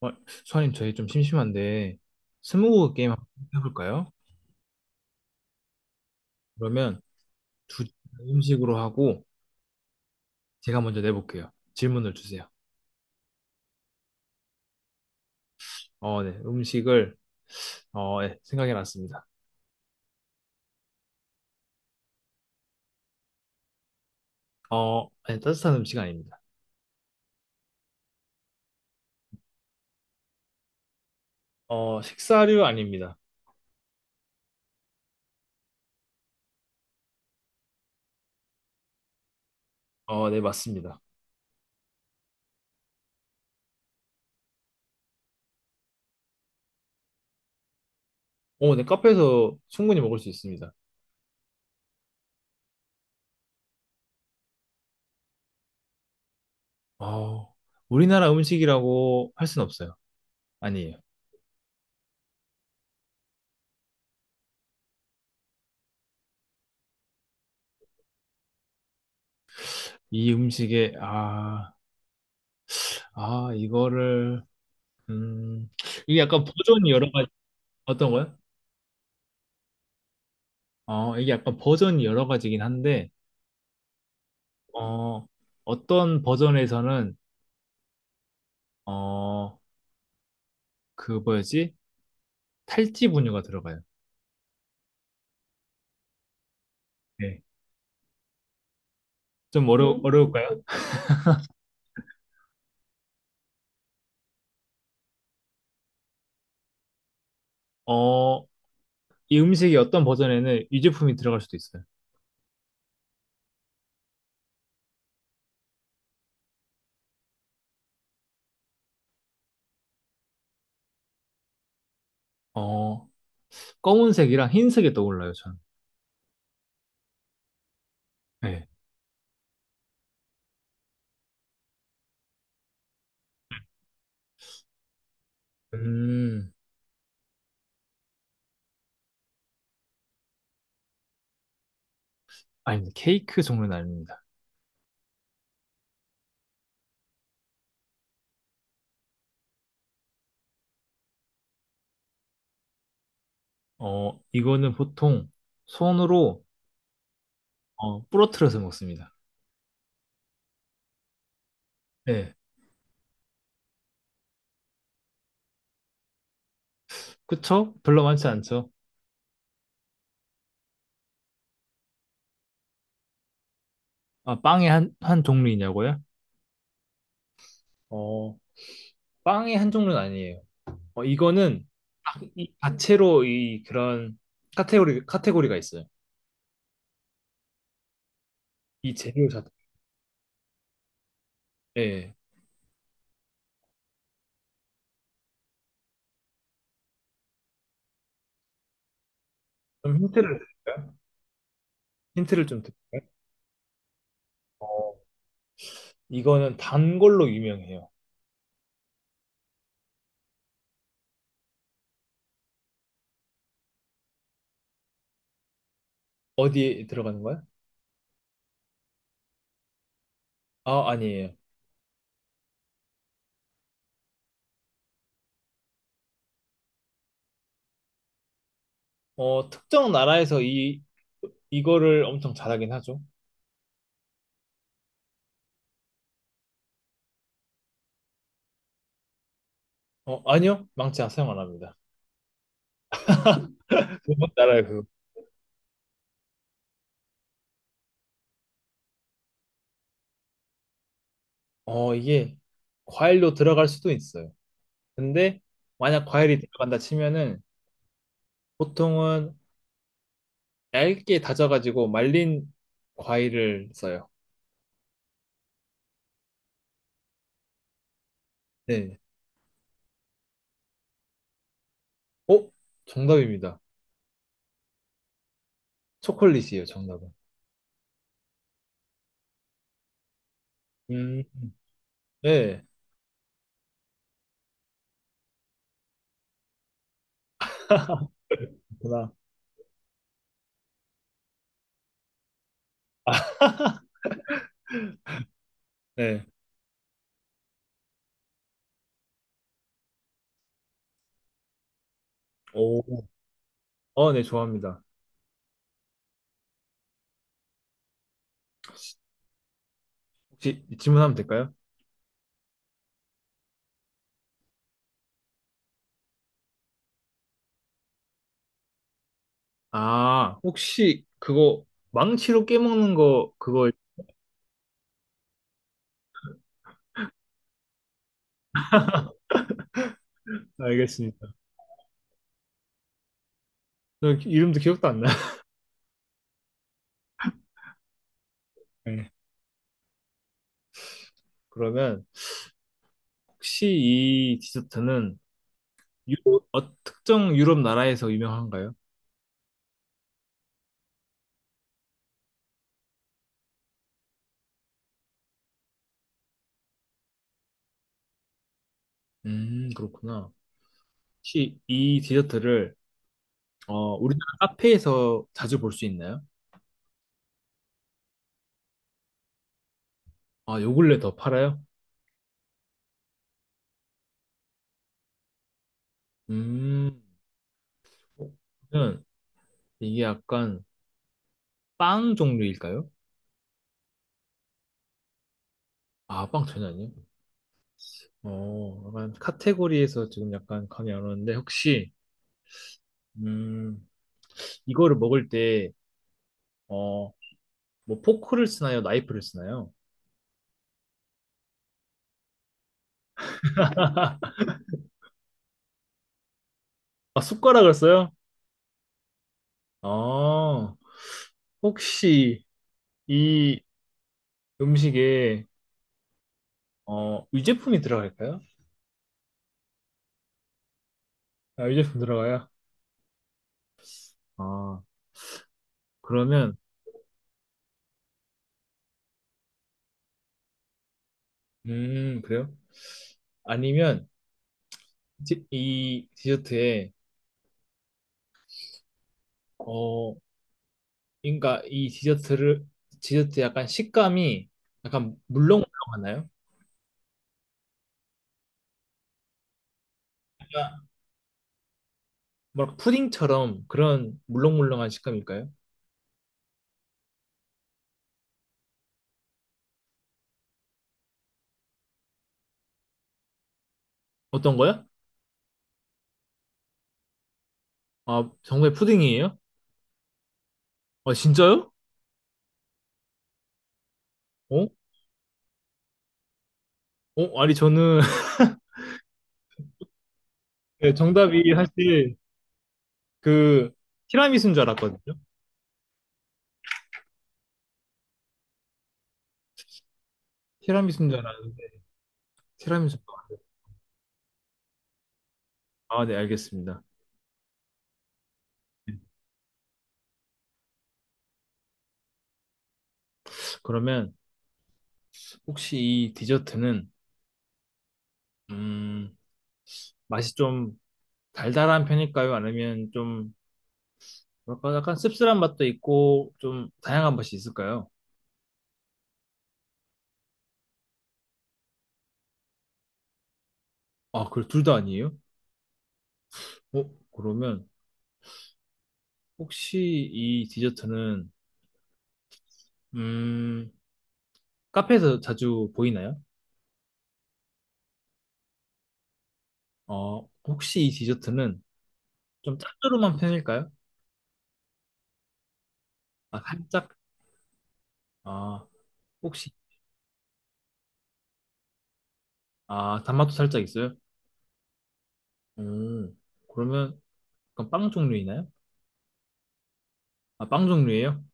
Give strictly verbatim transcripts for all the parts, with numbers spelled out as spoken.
어, 수아님, 저희 좀 심심한데, 스무고개 게임 한번 해볼까요? 그러면 두 음식으로 하고, 제가 먼저 내볼게요. 질문을 주세요. 어, 네. 음식을, 어, 네, 생각해 놨습니다. 어, 네, 따뜻한 음식 아닙니다. 어, 식사류 아닙니다. 어, 네, 맞습니다. 어, 네, 카페에서 충분히 먹을 수 있습니다. 어, 우리나라 음식이라고 할 순 없어요. 아니에요. 이 음식에, 아, 아, 이거를, 음, 이게 약간 버전이 여러 가지, 어떤 거요? 어, 이게 약간 버전이 여러 가지긴 한데, 어, 어떤 버전에서는, 어, 그 뭐였지? 탈지 분유가 들어가요. 네. 좀 어려, 음. 어려울까요? 어, 이 음식이 어떤 버전에는 유제품이 들어갈 수도 있어요. 어, 검은색이랑 흰색이 떠올라요, 저는. 네. 음, 아니, 케이크 종류는 아닙니다. 어, 이거는 보통 손으로, 어, 부러뜨려서 먹습니다. 네. 그쵸? 별로 많지 않죠? 아, 빵의 한, 한 종류이냐고요? 어, 빵의 한 종류는 아니에요. 어, 이거는 딱이 자체로 이 그런 카테고리, 카테고리가 있어요. 이 재료 자체. 예. 좀 힌트를 드릴까요? 힌트를 좀 드릴까요? 어, 이거는 단 걸로 유명해요. 어디에 들어가는 거야? 아, 아니에요. 어, 특정 나라에서 이, 이거를 엄청 잘하긴 하죠. 어, 아니요. 망치 아, 사용 안 합니다. 그건 나라예요, 그거. 어, 이게 과일로 들어갈 수도 있어요. 근데 만약 과일이 들어간다 치면은 보통은 얇게 다져가지고 말린 과일을 써요. 네. 어? 정답입니다. 초콜릿이에요, 정답은. 음, 네. 그렇구나. 네. 오. 어, 네, 좋아합니다. 혹시 질문하면 될까요? 아, 혹시 그거 망치로 깨먹는 거 그거 알겠습니다. 저 이름도 기억도 안 나요. 네. 그러면 혹시 이 디저트는 유로, 어, 특정 유럽 나라에서 유명한가요? 음, 그렇구나. 혹시 이 디저트를 어, 우리나라 카페에서 자주 볼 수 있나요? 아, 요 근래 더 팔아요? 음, 어, 그러면 이게 약간 빵 종류일까요? 아, 빵 전혀 아니에요? 어, 약간 카테고리에서 지금 약간 감이 안 오는데, 혹시, 음, 이거를 먹을 때, 어, 뭐 포크를 쓰나요? 나이프를 쓰나요? 아, 숟가락을 써요? 아, 혹시 이 음식에, 어, 유제품이 들어갈까요? 아, 유제품 들어가요? 아, 그러면, 음, 그래요? 아니면 디- 이 디저트에 어 그러니까 이 디저트를 디저트 약간 식감이 약간 물렁물렁하나요? 그러니까 뭐랄까 푸딩처럼 그런 물렁물렁한 식감일까요? 어떤 거요? 아, 정말 푸딩이에요? 아, 진짜요? 어? 어, 아니 저는 네, 정답이 사실 그 티라미수인 줄 알았거든요. 티라미수인 줄 알았는데 티라미수가 아니에요. 아, 네, 알겠습니다. 그러면 혹시 이 디저트는 음, 맛이 좀 달달한 편일까요? 아니면 좀 뭐랄까 약간 씁쓸한 맛도 있고 좀 다양한 맛이 있을까요? 아, 그 둘 다 아니에요? 어, 그러면 혹시 이 디저트는 음, 카페에서 자주 보이나요? 어, 혹시 이 디저트는 좀 짭조름한 편일까요? 아, 살짝? 아, 혹시 아, 단맛도 살짝 있어요? 음, 그러면 그빵 종류이나요? 아, 빵 종류예요?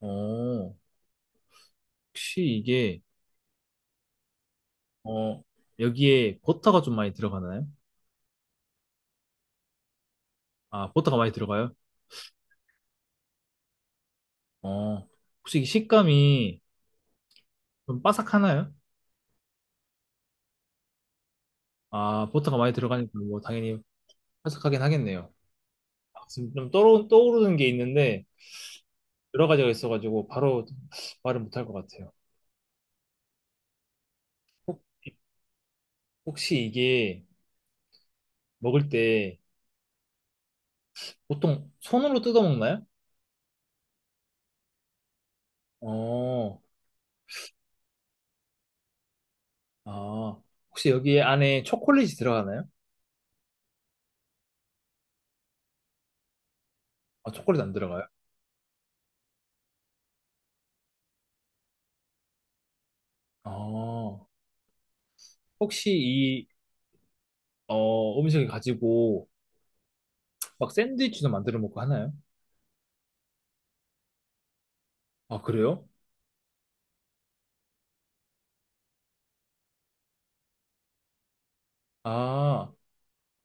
어, 혹시 이게 어, 여기에 버터가 좀 많이 들어가나요? 아, 버터가 많이 들어가요? 어, 혹시 이 식감이 좀 바삭하나요? 아, 버터가 많이 들어가니까 뭐 당연히 바삭하긴 하겠네요. 아, 지금 좀 떠오르, 떠오르는 게 있는데 여러 가지가 있어가지고 바로 말을 못할 것 같아요. 혹- 혹시 이게 먹을 때 보통 손으로 뜯어 먹나요? 어, 아, 혹시 여기 안에 초콜릿이 들어가나요? 아, 초콜릿 안 들어가요? 어, 혹시 이, 어, 음식을 가지고 막 샌드위치도 만들어 먹고 하나요? 아, 그래요? 아,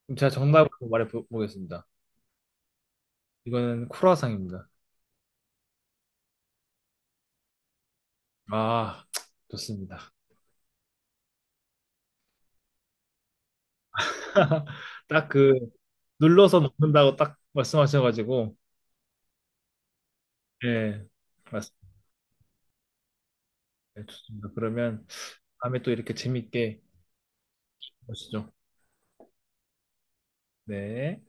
그럼 제가 정답을 말해보겠습니다. 이거는 크루아상입니다. 아, 좋습니다. 딱 그, 눌러서 먹는다고 딱 말씀하셔가지고, 예, 맞습니다. 예, 좋습니다. 그러면 다음에 또 이렇게 재밌게 보시죠. 네.